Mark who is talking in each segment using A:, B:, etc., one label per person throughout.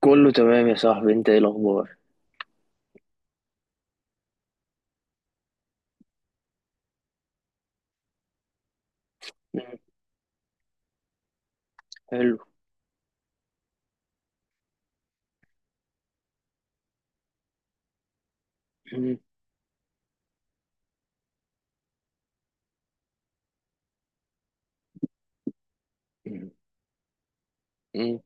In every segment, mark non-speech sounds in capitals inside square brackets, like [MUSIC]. A: كله تمام يا صاحبي، انت ايه الاخبار؟ مم، حلو. مم، مم،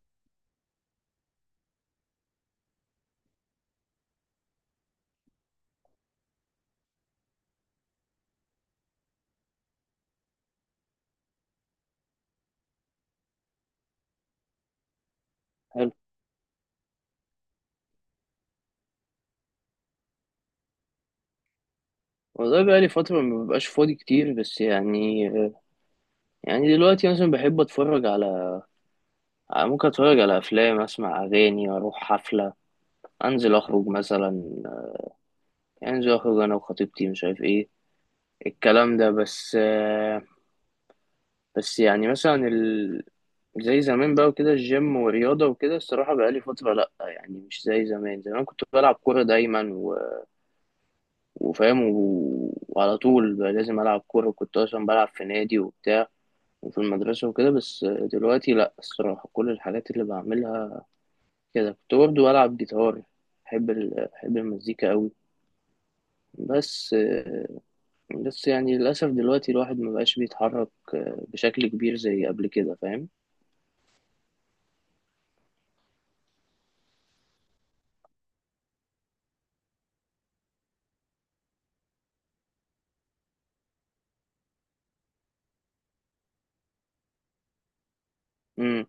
A: حلو. والله بقالي فترة ما ببقاش فاضي كتير، بس يعني يعني دلوقتي مثلا بحب اتفرج على ممكن اتفرج على افلام، اسمع اغاني، اروح حفلة، انزل اخرج مثلا، انزل اخرج انا وخطيبتي، مش عارف ايه الكلام ده. بس بس يعني مثلا ال... زي زمان بقى وكده، الجيم والرياضة وكده. الصراحة بقالي فترة، لأ يعني مش زي زمان. زمان كنت بلعب كورة دايما وفاهم، وعلى طول بقى لازم ألعب كورة. كنت أصلا بلعب في نادي وبتاع، وفي المدرسة وكده. بس دلوقتي لأ، الصراحة كل الحاجات اللي بعملها كده. كنت برضه بلعب جيتار، بحب ال... بحب المزيكا أوي. بس بس يعني للأسف دلوقتي الواحد مبقاش بيتحرك بشكل كبير زي قبل كده، فاهم؟ مم.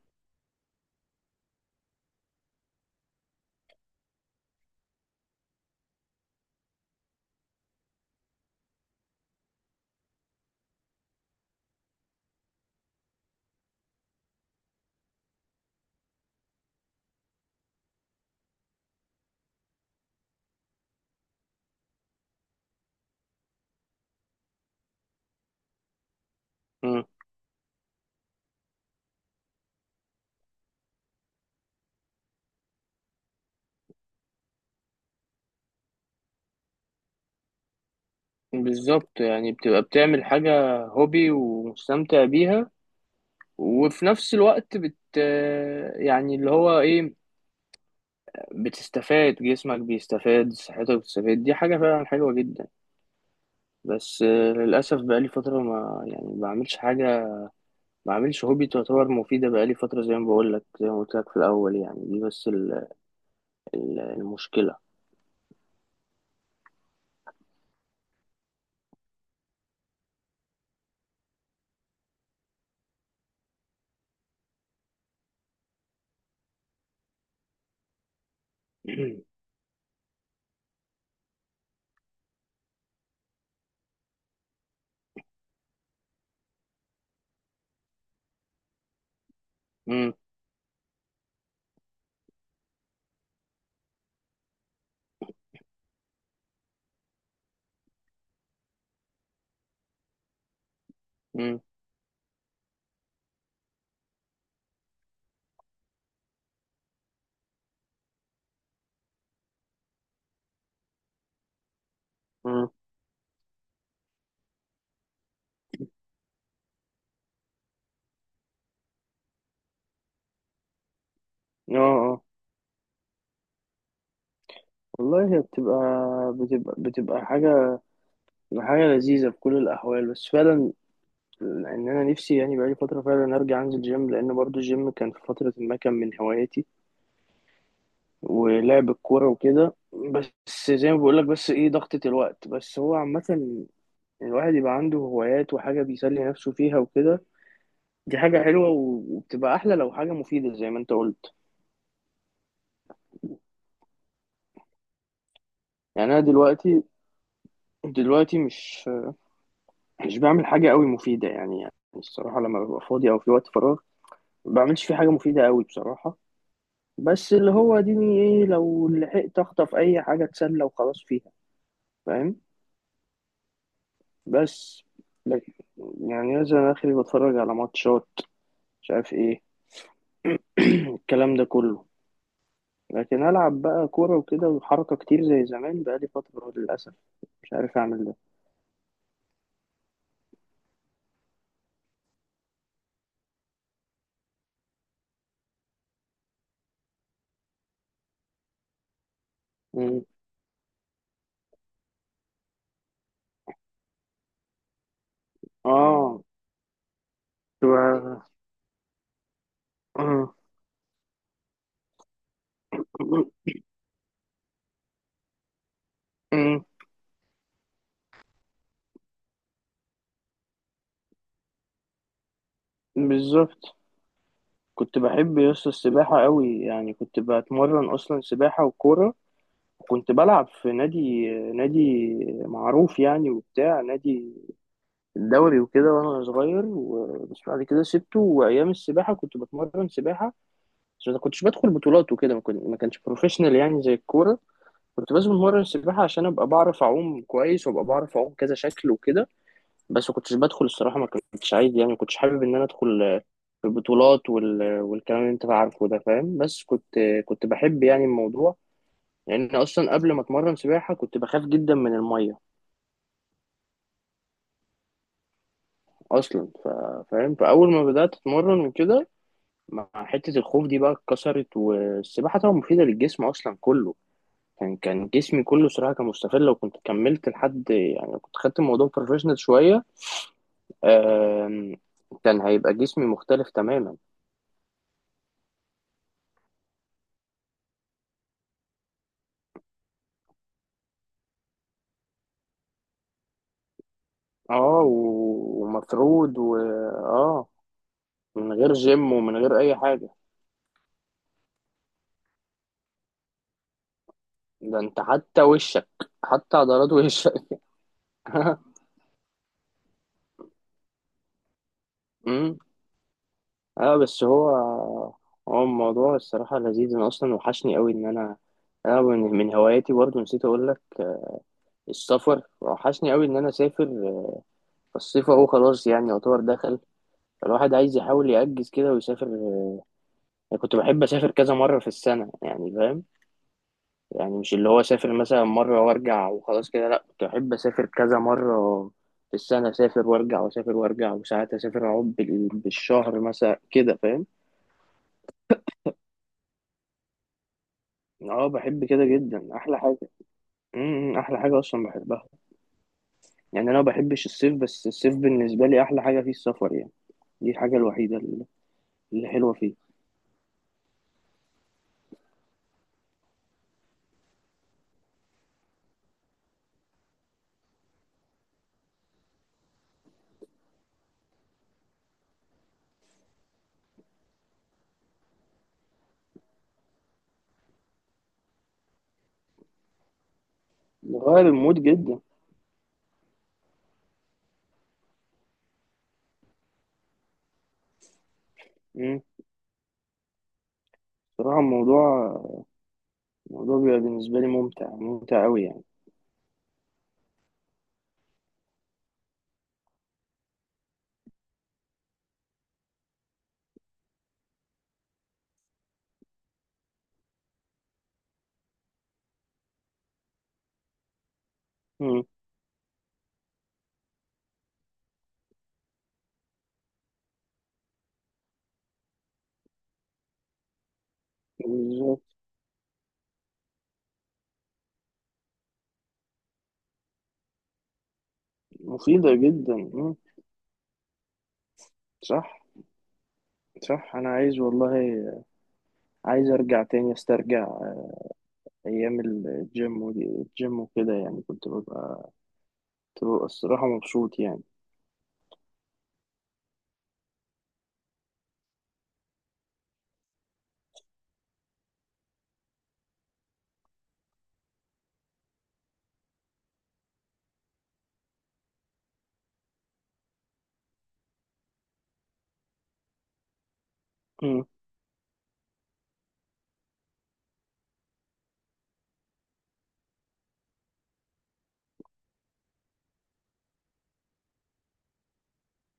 A: مم. بالظبط، يعني بتبقى بتعمل حاجة هوبي ومستمتع بيها، وفي نفس الوقت بت يعني اللي هو ايه، بتستفاد، جسمك بيستفاد، صحتك بتستفاد، دي حاجة فعلا حلوة جدا. بس للأسف بقالي فترة، ما يعني ما بعملش حاجة، ما بعملش هوبي تعتبر مفيدة. بقالي فترة زي ما بقول لك، زي ما قلت لك في الأول، يعني دي بس المشكلة. [CLEARS THROAT] مم، مم، مم. اه. اه، والله هي بتبقى، بتبقى حاجة، حاجة لذيذة في كل الأحوال. بس فعلا إن أنا نفسي يعني بقالي فترة فعلا أرجع أنزل جيم، لأن برضو الجيم كان في فترة ما كان من هواياتي، ولعب الكورة وكده. بس زي ما بقولك، بس ايه، ضغطة الوقت. بس هو عامة الواحد يبقى عنده هوايات وحاجة بيسلي نفسه فيها وكده، دي حاجة حلوة، وبتبقى أحلى لو حاجة مفيدة زي ما أنت قلت. يعني أنا دلوقتي، دلوقتي مش بعمل حاجة قوي مفيدة يعني. يعني الصراحة لما ببقى فاضي أو في وقت فراغ، ما بعملش فيه حاجة مفيدة قوي بصراحة. بس اللي هو ديني ايه، لو لحقت أخطف أي حاجة أتسلى وخلاص فيها، فاهم؟ بس لكن- يعني مثلا آخري بتفرج على ماتشات، مش عارف ايه، [CLEARS THROAT] الكلام ده كله. لكن العب بقى كوره وكده وحركه كتير زي زمان، بقى لي فتره للاسف مش عارف اعمل ده. مم. اه، كنت بقى- [CLEARS THROAT] آه. مم. بالظبط، كنت بحب يس السباحه قوي يعني، كنت بتمرن اصلا سباحه وكوره. وكنت بلعب في نادي معروف يعني، وبتاع نادي الدوري وكده، وانا صغير بس بعد كده سبته. وايام السباحه كنت بتمرن سباحه عشان ما كنتش بدخل بطولات وكده، ما كانش بروفيشنال يعني زي الكوره. كنت بس بتمرن سباحه عشان ابقى بعرف اعوم كويس، وابقى بعرف اعوم كذا شكل وكده. بس ما كنتش بدخل الصراحه، ما كنتش عايز يعني، ما كنتش حابب ان انا ادخل في البطولات وال... والكلام اللي انت عارفه ده، فاهم؟ بس كنت، كنت بحب يعني الموضوع، لان يعني اصلا قبل ما اتمرن سباحه كنت بخاف جدا من الميه اصلا. ف... فاهم، فاول ما بدات اتمرن وكده، مع حته الخوف دي بقى اتكسرت. والسباحه طبعا مفيده للجسم اصلا كله. كان، كان جسمي كله صراحة كان مستفيد. لو كنت كملت لحد يعني، لو كنت خدت الموضوع بروفيشنال شوية، آم، كان هيبقى جسمي مختلف تماما. اه، ومفرود و اه، من غير جيم ومن غير أي حاجة. ده انت حتى وشك، حتى عضلات وشك. [LAUGHS] امم اه. بس هو، هو الموضوع الصراحة لذيذ. انا اصلا وحشني قوي ان انا، انا من هواياتي برضو نسيت اقول لك، السفر. وحشني قوي ان انا اسافر. الصيف اهو خلاص يعني يعتبر دخل، الواحد عايز يحاول يأجز كده ويسافر يعني. كنت بحب أسافر كذا مرة في السنة يعني، فاهم؟ يعني مش اللي هو أسافر مثلا مرة وأرجع وخلاص كده، لأ كنت بحب أسافر كذا مرة في السنة، أسافر وأرجع وأسافر وأرجع، وساعات أسافر أقعد بالشهر مثلا كده، فاهم؟ أه، بحب كده جدا، أحلى حاجة. أحلى حاجة أصلا بحبها. يعني أنا ما بحبش الصيف، بس الصيف بالنسبة لي أحلى حاجة فيه السفر يعني. دي الحاجة الوحيدة اللي، اللي حلوة فيه. بغير المود جدا. أمم، بصراحة الموضوع، الموضوع بيبقى بالنسبة لي ممتع، ممتع أوي يعني. مم. بالظبط. مفيدة جدا. مم. صح. صح، أنا عايز والله، عايز أرجع تاني أسترجع أيام الجيم ودي، الجيم وكده يعني. كنت ببقى، كنت ببقى الصراحة مبسوط يعني. مم.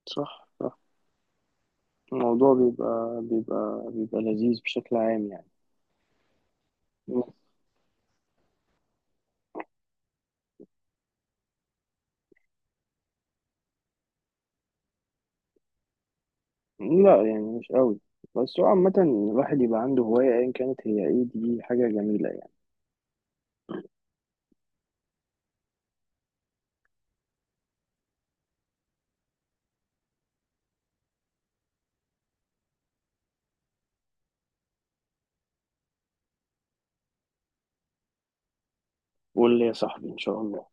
A: صح. صح، الموضوع بيبقى، بيبقى لذيذ بشكل عام يعني. مم. لا، يعني مش أوي. بس هو عامة الواحد يبقى عنده هواية أيا كانت هي إيه، دي حاجة جميلة يعني. قول لي يا صاحبي، إن شاء الله.